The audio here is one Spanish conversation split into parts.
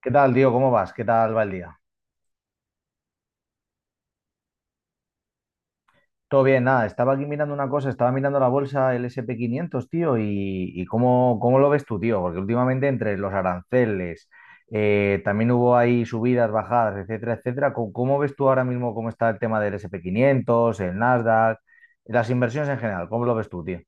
¿Qué tal, tío? ¿Cómo vas? ¿Qué tal va el día? Todo bien, nada. Estaba aquí mirando una cosa, estaba mirando la bolsa, el S&P 500, tío, y cómo, cómo lo ves tú, tío, porque últimamente entre los aranceles, también hubo ahí subidas, bajadas, etcétera, etcétera. ¿Cómo, cómo ves tú ahora mismo cómo está el tema del S&P 500, el Nasdaq, las inversiones en general? ¿Cómo lo ves tú, tío?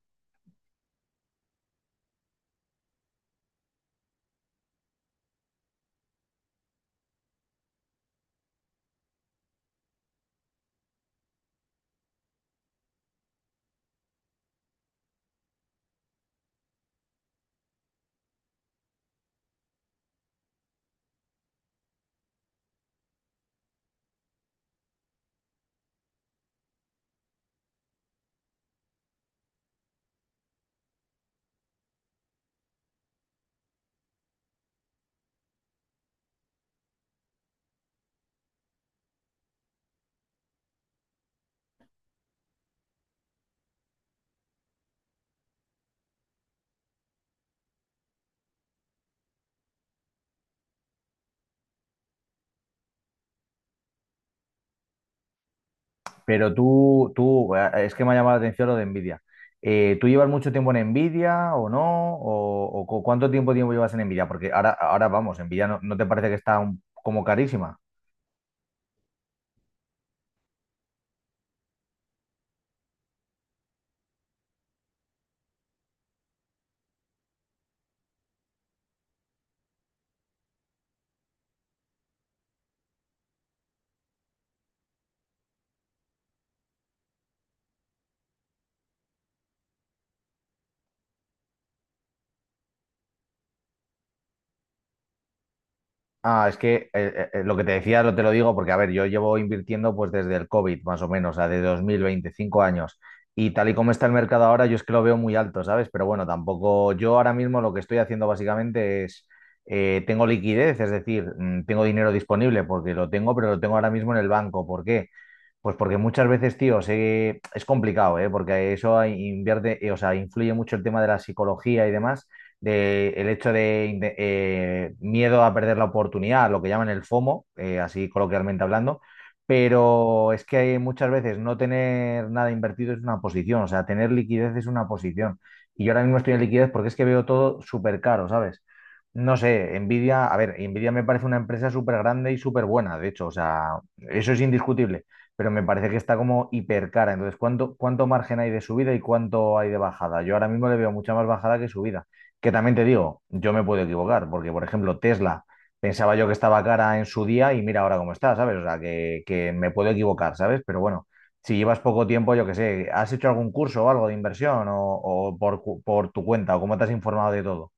Pero tú, es que me ha llamado la atención lo de Nvidia. ¿Tú llevas mucho tiempo en Nvidia o no? ¿O cuánto tiempo, tiempo llevas en Nvidia? Porque ahora, ahora vamos, Nvidia no te parece que está como carísima. Ah, es que lo que te decía lo te lo digo porque, a ver, yo llevo invirtiendo pues desde el COVID, más o menos, o sea, de 2025 años. Y tal y como está el mercado ahora, yo es que lo veo muy alto, ¿sabes? Pero bueno, tampoco, yo ahora mismo lo que estoy haciendo básicamente es, tengo liquidez, es decir, tengo dinero disponible porque lo tengo, pero lo tengo ahora mismo en el banco. ¿Por qué? Pues porque muchas veces, tío, es complicado, ¿eh? Porque eso invierte, o sea, influye mucho el tema de la psicología y demás de el hecho de miedo a perder la oportunidad, lo que llaman el FOMO, así coloquialmente hablando, pero es que muchas veces no tener nada invertido es una posición, o sea, tener liquidez es una posición. Y yo ahora mismo estoy en liquidez porque es que veo todo súper caro, ¿sabes? No sé, Nvidia, a ver, Nvidia me parece una empresa súper grande y súper buena, de hecho, o sea, eso es indiscutible, pero me parece que está como hiper cara. Entonces, ¿cuánto, cuánto margen hay de subida y cuánto hay de bajada? Yo ahora mismo le veo mucha más bajada que subida. Que también te digo, yo me puedo equivocar, porque por ejemplo Tesla pensaba yo que estaba cara en su día y mira ahora cómo está, ¿sabes? O sea, que me puedo equivocar, ¿sabes? Pero bueno, si llevas poco tiempo, yo qué sé, ¿has hecho algún curso o algo de inversión o, o por tu cuenta o cómo te has informado de todo?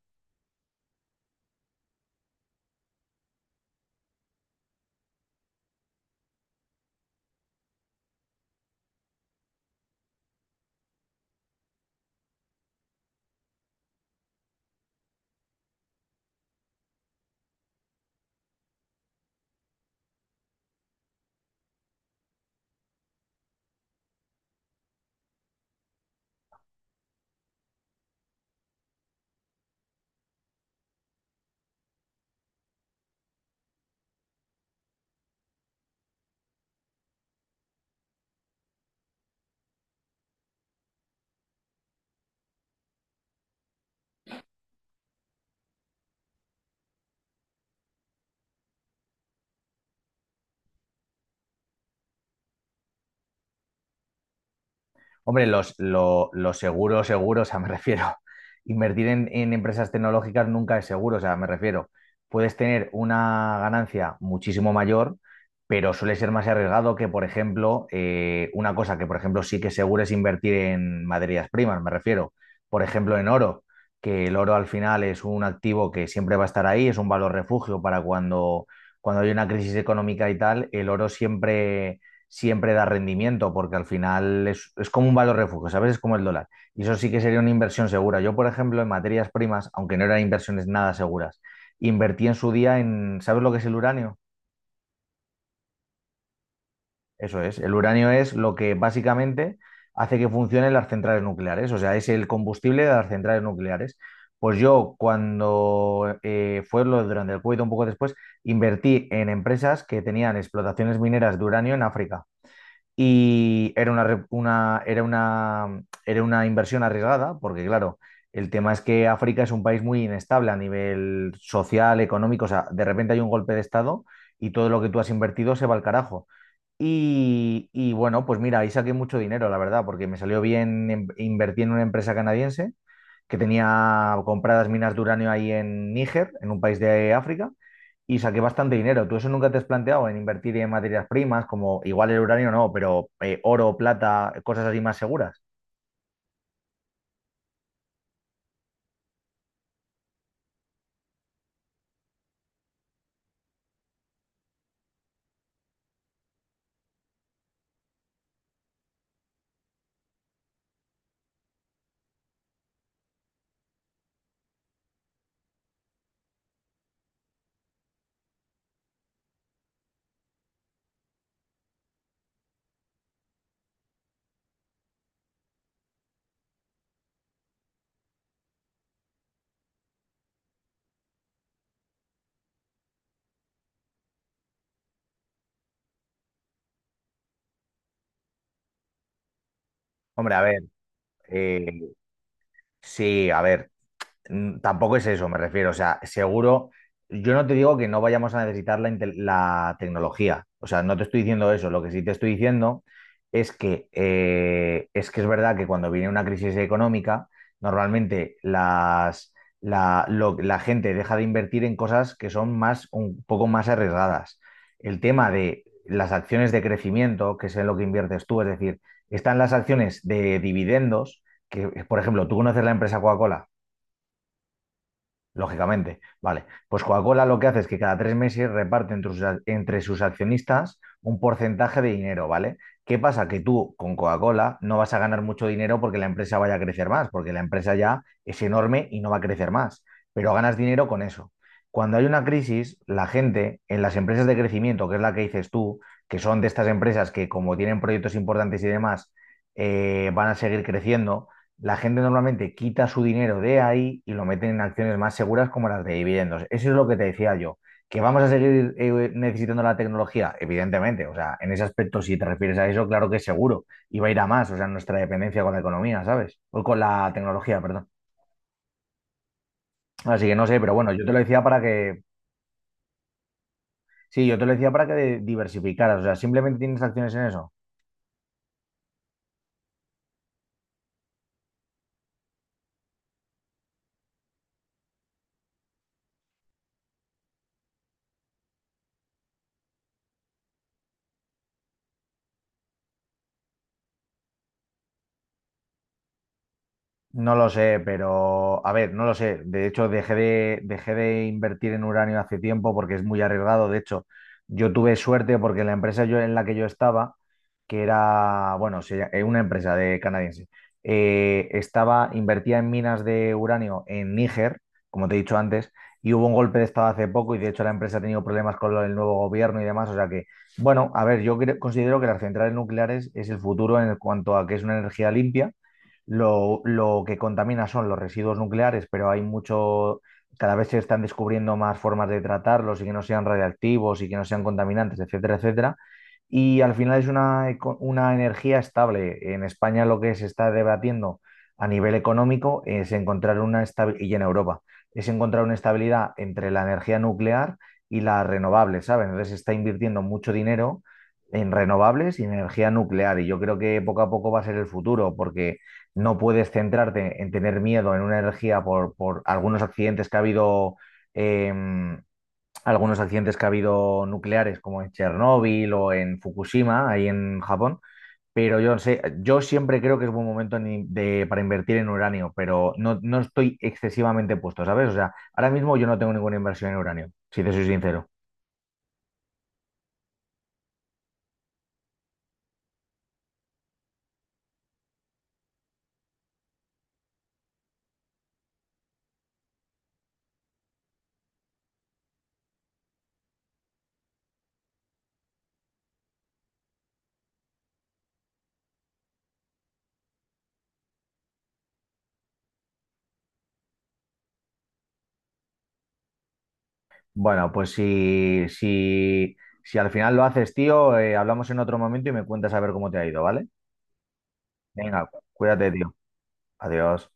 Hombre, lo seguro, seguro, o sea, me refiero, invertir en empresas tecnológicas nunca es seguro, o sea, me refiero, puedes tener una ganancia muchísimo mayor, pero suele ser más arriesgado que, por ejemplo, una cosa que, por ejemplo, sí que es seguro es invertir en materias primas, me refiero, por ejemplo, en oro, que el oro al final es un activo que siempre va a estar ahí, es un valor refugio para cuando, cuando hay una crisis económica y tal, el oro siempre siempre da rendimiento, porque al final es como un valor refugio, ¿sabes? Es como el dólar. Y eso sí que sería una inversión segura. Yo, por ejemplo, en materias primas, aunque no eran inversiones nada seguras, invertí en su día en, ¿sabes lo que es el uranio? Eso es, el uranio es lo que básicamente hace que funcionen las centrales nucleares, o sea, es el combustible de las centrales nucleares. Pues yo cuando fue lo durante el COVID, un poco después, invertí en empresas que tenían explotaciones mineras de uranio en África. Y era una, re- una- era una, era una inversión arriesgada, porque claro, el tema es que África es un país muy inestable a nivel social, económico, o sea, de repente hay un golpe de estado y todo lo que tú has invertido se va al carajo. Y bueno, pues mira, ahí saqué mucho dinero, la verdad, porque me salió bien, invertí en una empresa canadiense que tenía compradas minas de uranio ahí en Níger, en un país de África, y saqué bastante dinero. ¿Tú eso nunca te has planteado en invertir en materias primas, como igual el uranio no, pero oro, plata, cosas así más seguras? Hombre, a ver, eh, sí, a ver. Mm, tampoco es eso, me refiero. O sea, seguro, yo no te digo que no vayamos a necesitar la tecnología. O sea, no te estoy diciendo eso. Lo que sí te estoy diciendo es que, es que es verdad que cuando viene una crisis económica, normalmente la gente deja de invertir en cosas que son más, un poco más arriesgadas. El tema de las acciones de crecimiento, que es en lo que inviertes tú, es decir, están las acciones de dividendos, que, por ejemplo, tú conoces la empresa Coca-Cola. Lógicamente, vale. Pues Coca-Cola lo que hace es que cada tres meses reparte entre entre sus accionistas un porcentaje de dinero, ¿vale? ¿Qué pasa? Que tú con Coca-Cola no vas a ganar mucho dinero porque la empresa vaya a crecer más, porque la empresa ya es enorme y no va a crecer más, pero ganas dinero con eso. Cuando hay una crisis, la gente en las empresas de crecimiento, que es la que dices tú, que son de estas empresas que como tienen proyectos importantes y demás, van a seguir creciendo la gente normalmente quita su dinero de ahí y lo mete en acciones más seguras como las de dividendos. Eso es lo que te decía yo. ¿Que vamos a seguir necesitando la tecnología? Evidentemente, o sea, en ese aspecto, si te refieres a eso, claro que es seguro. Y va a ir a más, o sea, nuestra dependencia con la economía, ¿sabes? O con la tecnología, perdón. Así que no sé, pero bueno, yo te lo decía para que, sí, yo te lo decía para que diversificaras, o sea, simplemente tienes acciones en eso. No lo sé, pero a ver, no lo sé. De hecho, dejé de invertir en uranio hace tiempo porque es muy arriesgado. De hecho, yo tuve suerte porque la empresa yo, en la que yo estaba, que era, bueno, una empresa de canadiense, invertía en minas de uranio en Níger, como te he dicho antes, y hubo un golpe de estado hace poco y de hecho la empresa ha tenido problemas con el nuevo gobierno y demás. O sea que, bueno, a ver, considero que las centrales nucleares es el futuro en cuanto a que es una energía limpia lo que contamina son los residuos nucleares, pero hay mucho, cada vez se están descubriendo más formas de tratarlos y que no sean radiactivos y que no sean contaminantes, etcétera, etcétera. Y al final es una energía estable. En España lo que se está debatiendo a nivel económico es encontrar una estabilidad, y en Europa, es encontrar una estabilidad entre la energía nuclear y la renovable, ¿sabes? Entonces se está invirtiendo mucho dinero en renovables y en energía nuclear. Y yo creo que poco a poco va a ser el futuro, porque no puedes centrarte en tener miedo en una energía por algunos accidentes que ha habido, em, algunos accidentes que ha habido nucleares, como en Chernóbil o en Fukushima, ahí en Japón. Pero yo sé, yo siempre creo que es buen momento en para invertir en uranio, pero no, no estoy excesivamente puesto, ¿sabes? O sea, ahora mismo yo no tengo ninguna inversión en uranio, si te soy sincero. Bueno, pues si al final lo haces, tío, hablamos en otro momento y me cuentas a ver cómo te ha ido, ¿vale? Venga, cuídate, tío. Adiós.